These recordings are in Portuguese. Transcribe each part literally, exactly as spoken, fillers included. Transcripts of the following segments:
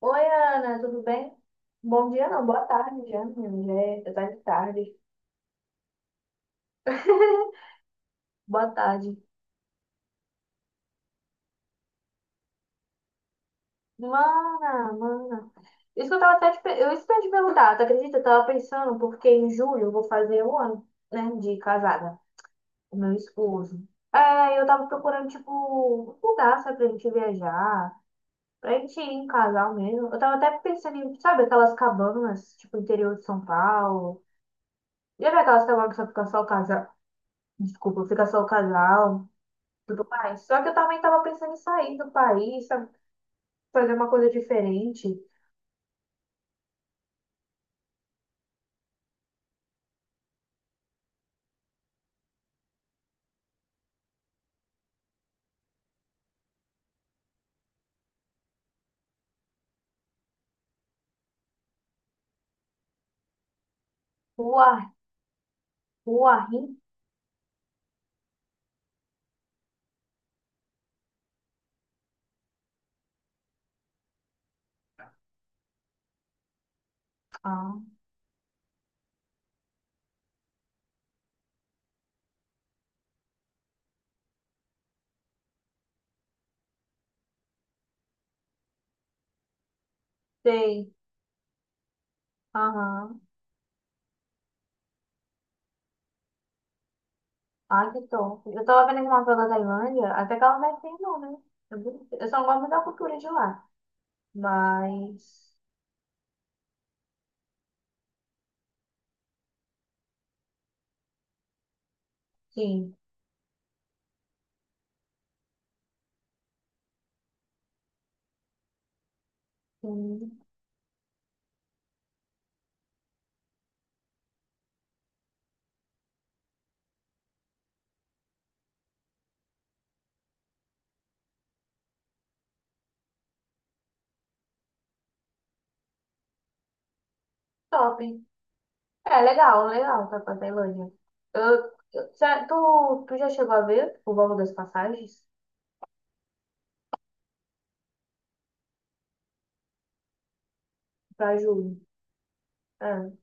Oi, Ana, tudo bem? Bom dia, não, boa tarde já, menino, já é- já tá de tarde. Boa tarde. Mana, mana. Isso que eu tava até te, pe- eu, isso que eu ia te perguntar, tu acredita? Eu tava pensando, porque em julho eu vou fazer um ano, né, de casada, com meu esposo. É, eu tava procurando, tipo, um lugar, sabe, pra gente viajar, pra gente ir em casal mesmo. Eu tava até pensando em, sabe, aquelas cabanas, tipo, interior de São Paulo. Já vi aquelas cabanas que só fica só o casal? Desculpa, fica só o casal. Tudo mais. Só que eu também estava pensando em sair do país, sabe? Fazer uma coisa diferente. Rua, rua, rim. Ah, sei. Aham. Ah, que top. Eu tava vendo uma novela da Tailândia, até que ela não é feia, não, né? É bonita. Eu só não gosto muito da cultura de lá. Mas, sim. Hum, Top. É, legal, legal, tá pra Tailândia. Eu, eu, cê- tu, tu já chegou a ver o valor das passagens? Pra julho. É.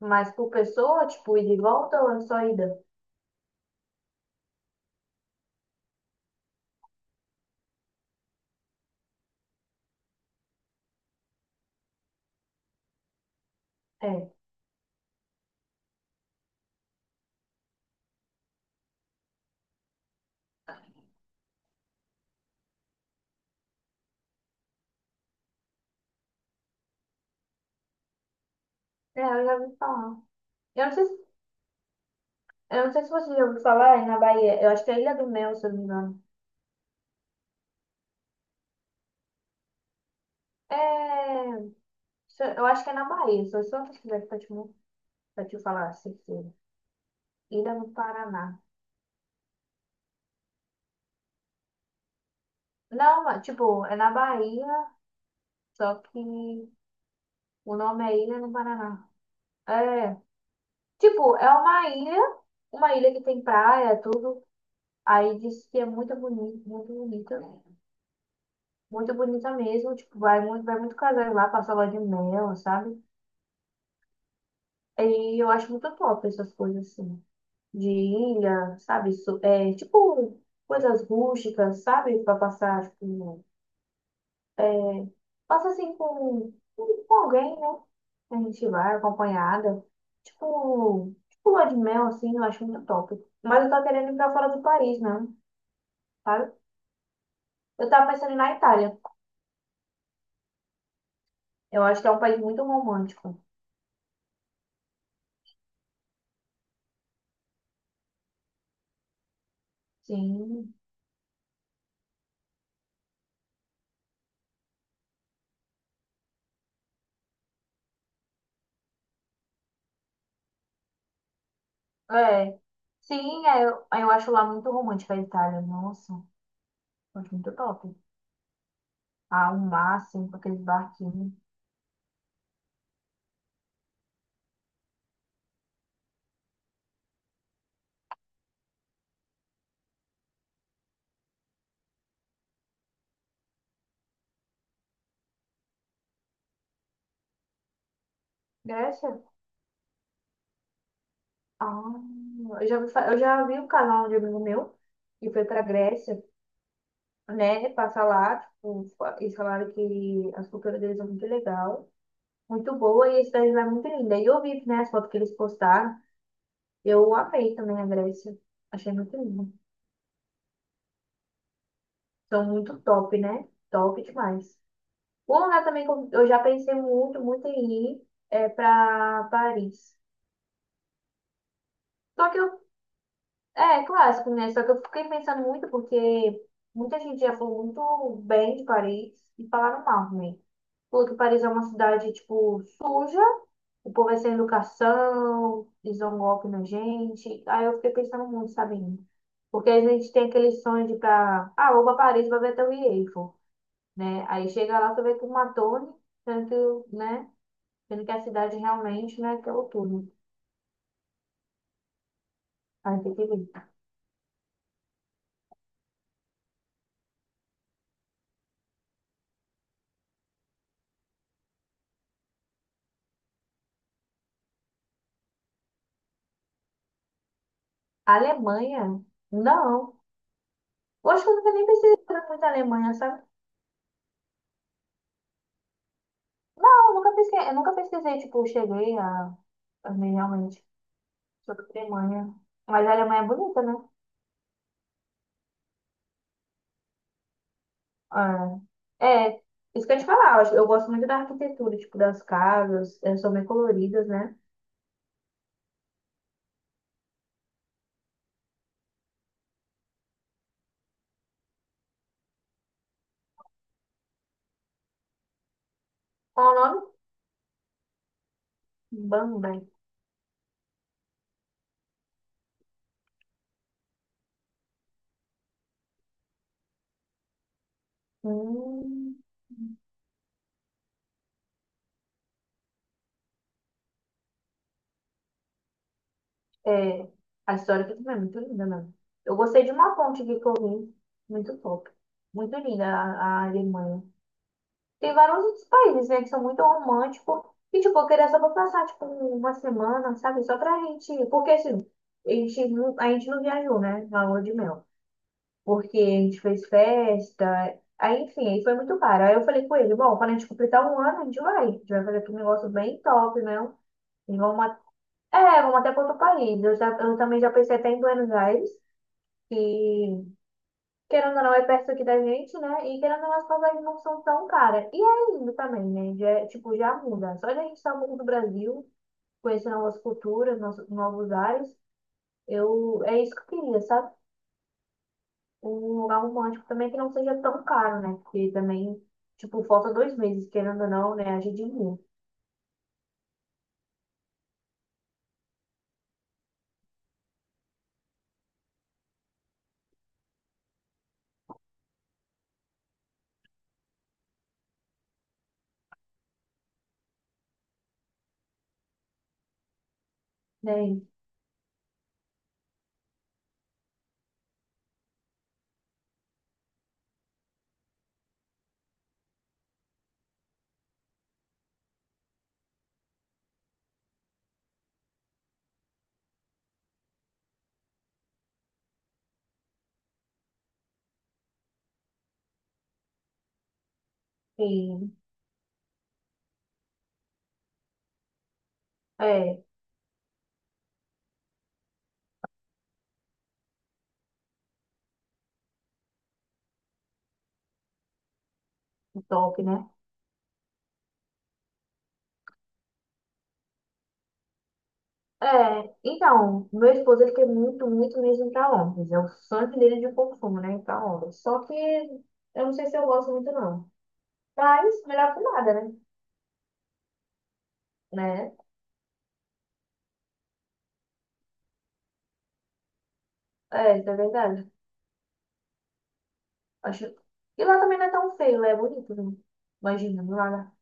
Mas por pessoa, tipo, ida e volta ou é só ida? É. É, eu já ouvi falar. Eu não sei se, eu não sei se você já ouviu falar, é na Bahia. Eu acho que é Ilha do Mel, se eu não me engano. É, se- eu acho que é na Bahia. Se eu só pesquisar aqui pra te, mo- pra te falar, certeza. Ilha do Paraná. Não, mas, tipo, é na Bahia, só que o nome é Ilha do Paraná. É, tipo, é uma ilha, uma ilha que tem praia, tudo. Aí diz que é muito bonito, muito bonita. Muito bonita mesmo, tipo, vai muito, vai muito casais lá, passar lua de mel, sabe? E eu acho muito top essas coisas assim, de ilha, sabe? So- É, tipo, coisas rústicas, sabe? Pra passar, tipo, passa assim com, com com alguém, né? A gente vai acompanhada. Tipo, tipo lua de mel, assim, eu acho muito top. Mas eu tô querendo ir pra fora do país, né? Sabe? Eu tava pensando em ir na Itália. Eu acho que é um país muito romântico. Sim, é. Sim, é, eu, eu acho lá muito romântica a Itália. Nossa, eu acho muito top. Ah, o mar, assim, com aqueles barquinhos. Grécia? Ah, eu já vi, fa- eu já vi um canal de amigo meu que foi pra Grécia, né, passar lá, tipo, fa- eles falaram que as culturas deles são muito legal, muito boa, e a cidade lá é muito linda. E eu vi, né, as fotos que eles postaram, eu amei também a Grécia, achei muito lindo. São muito top, né? Top demais. Um lugar também que eu eu já pensei muito, muito em ir é pra Paris. Só que eu É, clássico, né? Só que eu fiquei pensando muito porque muita gente já falou muito bem de Paris e falaram mal também. Falou que Paris é uma cidade, tipo, suja, o povo é sem educação, eles dão golpe na gente. Aí eu fiquei pensando muito, sabe? Porque a gente tem aquele sonho de ir pra. Ah, vou pra Paris, vou ver até o Eiffel, né? Aí chega lá, você vê que uma torre, tanto, né? Sendo que a cidade realmente não é aquela torre. Aí tem que ver. A Alemanha? Não. Eu acho que eu nunca nem pesquisei muito a Alemanha, sabe? Não, eu nunca pesquisei, eu nunca pesquisei, tipo, eu cheguei a, a, ver realmente sobre a Alemanha. Mas a Alemanha é bonita, né? É, é isso que eu ia te falar, eu, acho- eu gosto muito da arquitetura, tipo, das casas, elas são bem coloridas, né? Qual o nome? Bamberg. Hum, É, a história aqui também é muito linda, né? Eu gostei de uma ponte aqui que eu vi, muito top. Muito linda a, a Alemanha. Tem vários outros países, né, que são muito românticos. E, tipo, eu queria só pra passar, tipo, uma semana, sabe? Só pra gente. Porque, assim, a gente não, a gente não viajou, né, na lua de mel. Porque a gente fez festa. Aí, enfim, aí foi muito caro. Aí eu falei com ele: bom, quando a gente completar um ano, a gente vai. A gente vai fazer aqui um negócio bem top, né? E vamos, a- é, vamos até para outro país. Eu, já, eu também já pensei até em Buenos Aires, que querendo ou não, é perto aqui da gente, né? E querendo ou não, as passagens não são tão caras. E é lindo também, né? Já, é, tipo, já muda. Só de a gente estar um do Brasil, conhecer novas culturas, novos, novos ares, eu, é isso que eu queria, sabe? Um lugar romântico também que não seja tão caro, né? Porque também, tipo, falta dois meses, querendo ou não, né? A gente viu, né? Enfim, é, o toque, né? É, então, meu esposo ele quer muito, muito mesmo ir pra Londres. É o sonho dele de consumo, né? Ir pra Londres. Só que eu não sei se eu gosto muito, não. Mas melhor que nada, né? Né? É, isso é verdade. Acho... E lá também não é tão feio, lá é bonito, né? Imagina, lá.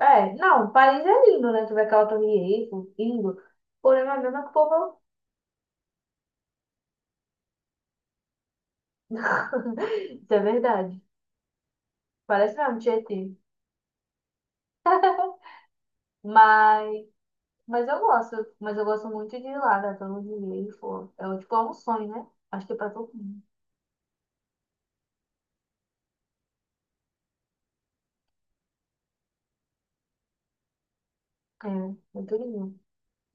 É, não, o país é lindo, né? Tu vê aquela Torre Eiffel, lindo. Porém, não é mesmo que o povo. Isso é verdade. Parece mesmo Tietê. Mas. Mas eu gosto, mas eu gosto muito de ir lá, né? Todo dia e for. É tipo, é um sonho, né? Acho que pra todo mundo. É, muito lindo.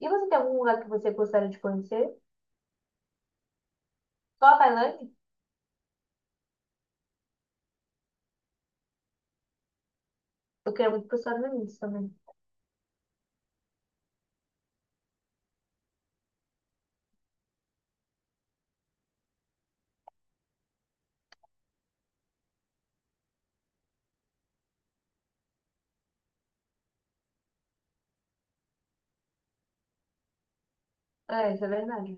E você tem algum lugar que você gostaria de conhecer? Só a Tailândia? Eu queria muito ir para os Estados Unidos também. É, isso é verdade.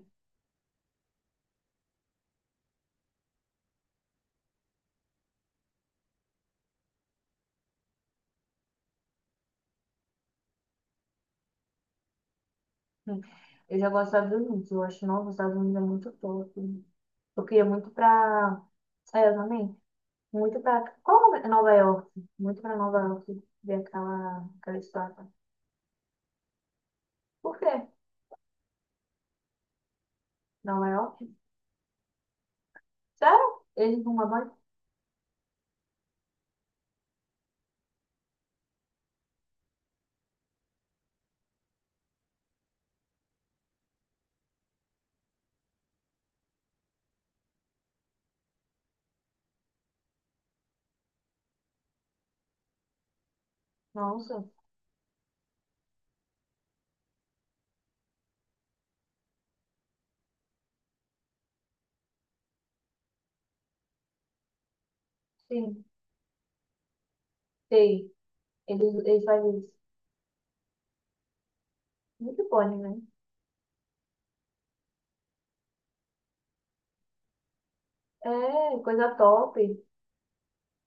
Hum. Eu já gosto dos Estados Unidos. Eu acho, nossa, os Estados Unidos é muito top. Eu queria muito pra. É, eu também. Muito pra. Qual o nome? Nova York. Muito pra Nova York. Ver aquela, aquela, estátua. Por quê? Nova York? Sério? Eles não mamãe? Nossa. Sim. Sei, ele, ele faz isso. Muito bom, né? É, coisa top.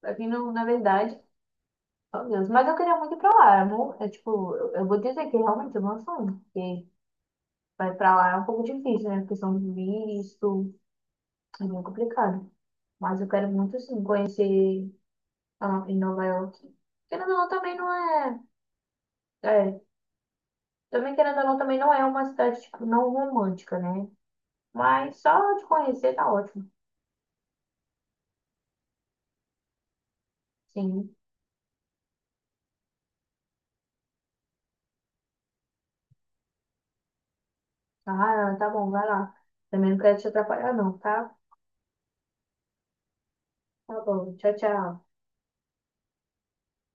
Aqui, no, na verdade, oh Deus. Mas eu queria muito ir pra lá, amor. É tipo, eu, eu vou dizer que realmente é uma sonho. Porque vai pra lá é um pouco difícil, né? Questão são visto, é meio complicado. Mas eu quero muito, sim, conhecer ah, em Nova York. Querendo ou não, também não é. É, também querendo ou não, também não é uma cidade, tipo, não romântica, né? Mas só de conhecer tá ótimo. Sim. Ah, tá bom, vai lá. Também não quero te atrapalhar, não, tá? Tá bom, tchau, tchau.